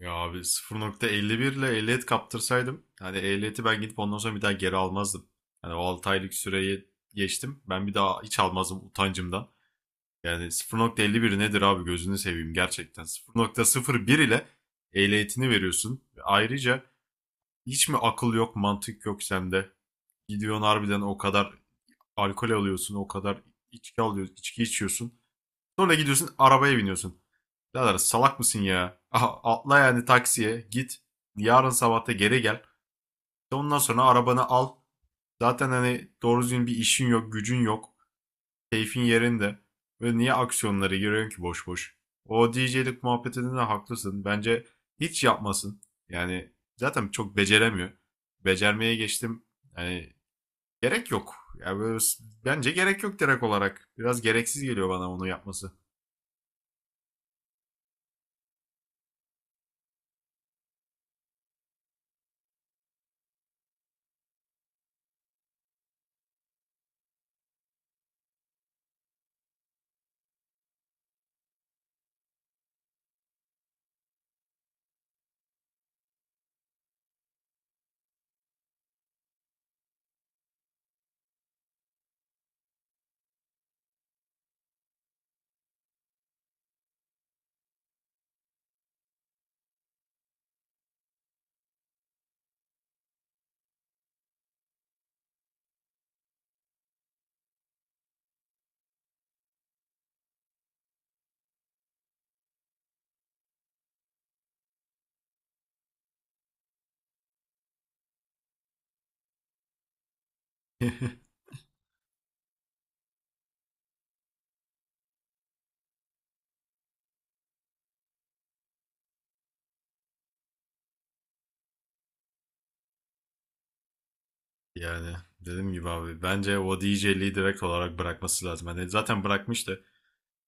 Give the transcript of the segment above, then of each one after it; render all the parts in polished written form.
Ya abi 0.51 ile ehliyet kaptırsaydım hani ehliyeti ben gidip ondan sonra bir daha geri almazdım. Hani o 6 aylık süreyi geçtim. Ben bir daha hiç almazdım utancımdan. Yani 0.51 nedir abi, gözünü seveyim gerçekten. 0.01 ile ehliyetini veriyorsun. Ve ayrıca hiç mi akıl yok, mantık yok sende? Gidiyorsun harbiden, o kadar alkol alıyorsun, o kadar içki alıyorsun, içki içiyorsun. Sonra gidiyorsun arabaya biniyorsun. Birader, salak mısın ya? Aha, atla yani taksiye git. Yarın sabah geri gel. İşte ondan sonra arabanı al. Zaten hani doğru düzgün bir işin yok, gücün yok. Keyfin yerinde. Ve niye aksiyonlara giriyorsun ki boş boş? O DJ'lik muhabbetinde de haklısın. Bence hiç yapmasın. Yani zaten çok beceremiyor. Becermeye geçtim. Yani gerek yok. Yani böyle, bence gerek yok direkt olarak. Biraz gereksiz geliyor bana onu yapması. Yani dediğim gibi abi, bence o DJ'liği direkt olarak bırakması lazım. Hani zaten bırakmıştı.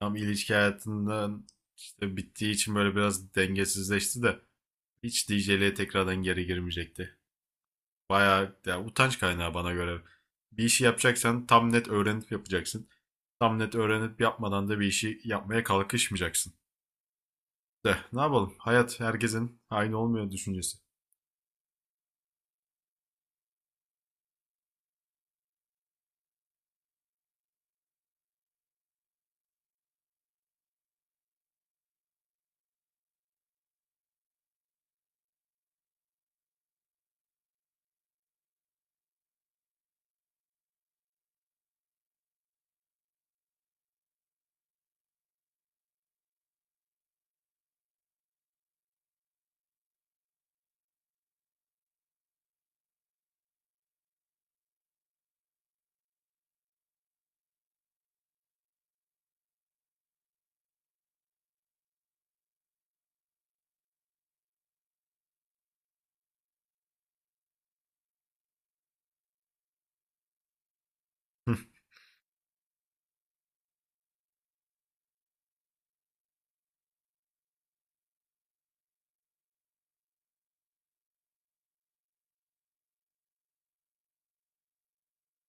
Tam ilişki hayatından işte bittiği için böyle biraz dengesizleşti de hiç DJ'liğe tekrardan geri girmeyecekti. Bayağı ya, utanç kaynağı bana göre. Bir işi yapacaksan tam net öğrenip yapacaksın. Tam net öğrenip yapmadan da bir işi yapmaya kalkışmayacaksın. De ne yapalım? Hayat herkesin aynı olmuyor düşüncesi.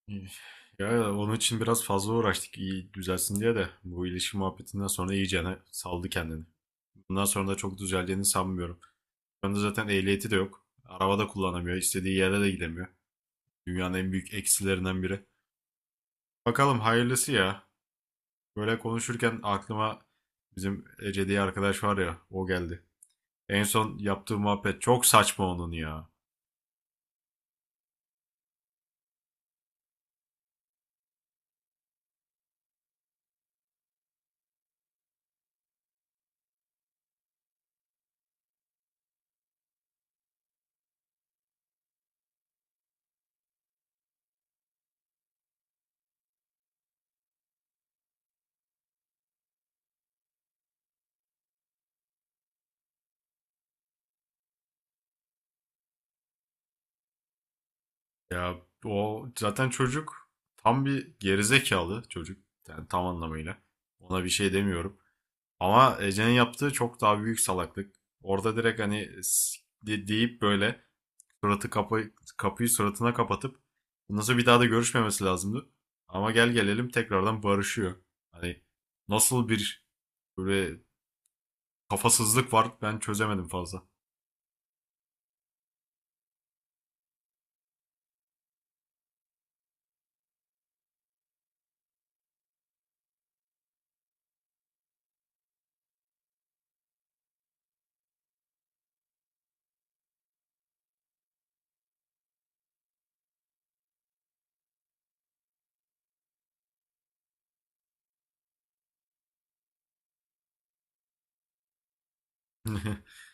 İyi. Ya onun için biraz fazla uğraştık iyi düzelsin diye de bu ilişki muhabbetinden sonra iyicene saldı kendini. Bundan sonra da çok düzeleceğini sanmıyorum. Şu anda zaten ehliyeti de yok. Araba da kullanamıyor. İstediği yere de gidemiyor. Dünyanın en büyük eksilerinden biri. Bakalım hayırlısı ya. Böyle konuşurken aklıma bizim Ece diye arkadaş var ya o geldi. En son yaptığı muhabbet çok saçma onun ya. Ya o zaten çocuk, tam bir gerizekalı çocuk. Yani tam anlamıyla. Ona bir şey demiyorum. Ama Ece'nin yaptığı çok daha büyük salaklık. Orada direkt hani deyip böyle suratı kapı, kapıyı suratına kapatıp nasıl bir daha da görüşmemesi lazımdı. Ama gel gelelim tekrardan barışıyor. Hani nasıl bir böyle kafasızlık var ben çözemedim fazla.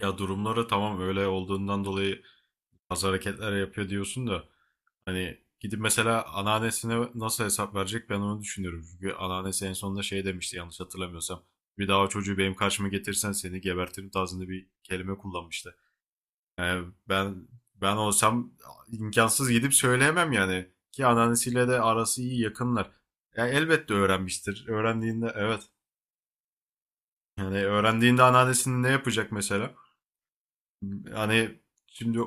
Ya durumları tamam öyle olduğundan dolayı bazı hareketler yapıyor diyorsun da hani gidip mesela anneannesine nasıl hesap verecek, ben onu düşünüyorum. Çünkü anneannesi en sonunda şey demişti yanlış hatırlamıyorsam. Bir daha o çocuğu benim karşıma getirsen seni gebertirim tarzında bir kelime kullanmıştı. Yani ben olsam imkansız gidip söyleyemem yani. Ki anneannesiyle de arası iyi, yakınlar. Ya elbette öğrenmiştir. Öğrendiğinde evet. Yani öğrendiğinde anneannesinin ne yapacak mesela? Hani şimdi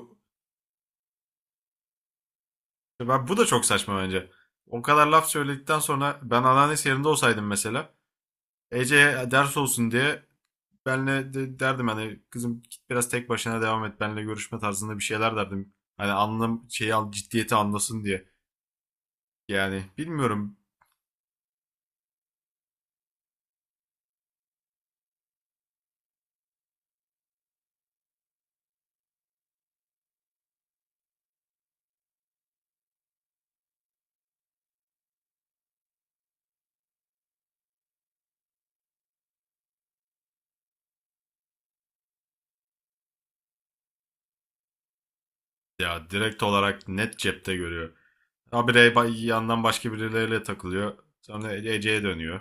ben, bu da çok saçma bence. O kadar laf söyledikten sonra ben anneannesi yerinde olsaydım mesela Ece'ye ders olsun diye benle de derdim, hani kızım git biraz tek başına devam et, benle görüşme tarzında bir şeyler derdim. Hani anlam şeyi al, ciddiyeti anlasın diye. Yani bilmiyorum, ya direkt olarak net cepte görüyor. Habire yandan başka birileriyle takılıyor. Sonra Ece'ye dönüyor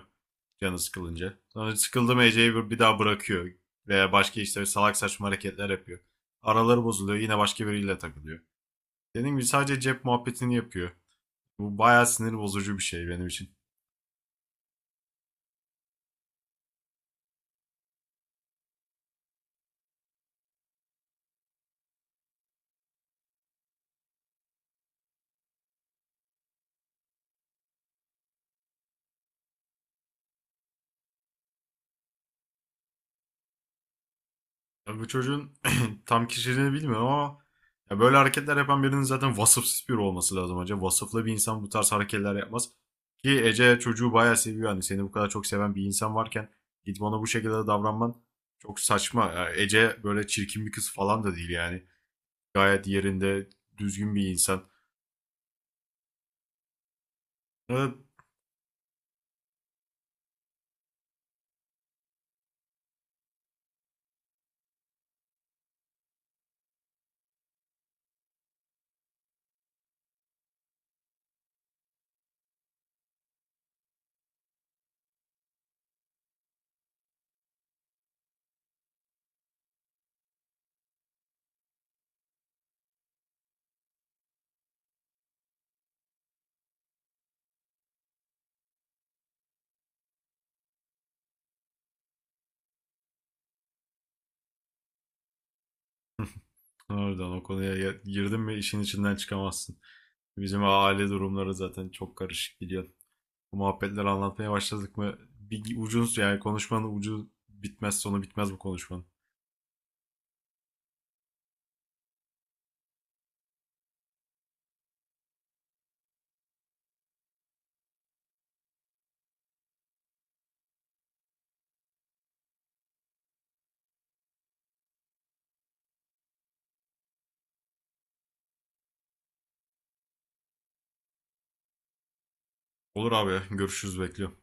canı sıkılınca. Sonra sıkıldı mı Ece'yi bir daha bırakıyor. Veya başka işte salak saçma hareketler yapıyor. Araları bozuluyor, yine başka biriyle takılıyor. Dediğim gibi sadece cep muhabbetini yapıyor. Bu bayağı sinir bozucu bir şey benim için. Ya bu çocuğun tam kişiliğini bilmiyorum ama ya böyle hareketler yapan birinin zaten vasıfsız biri olması lazım hocam. Vasıflı bir insan bu tarz hareketler yapmaz. Ki Ece çocuğu bayağı seviyor. Hani seni bu kadar çok seven bir insan varken gidip ona bu şekilde davranman çok saçma. Ya Ece böyle çirkin bir kız falan da değil yani. Gayet yerinde düzgün bir insan. Evet. Oradan o konuya girdin mi işin içinden çıkamazsın. Bizim aile durumları zaten çok karışık biliyorsun. Bu muhabbetleri anlatmaya başladık mı? Bir ucuz yani konuşmanın ucu bitmez sonu bitmez bu konuşmanın. Olur abi, görüşürüz, bekliyorum.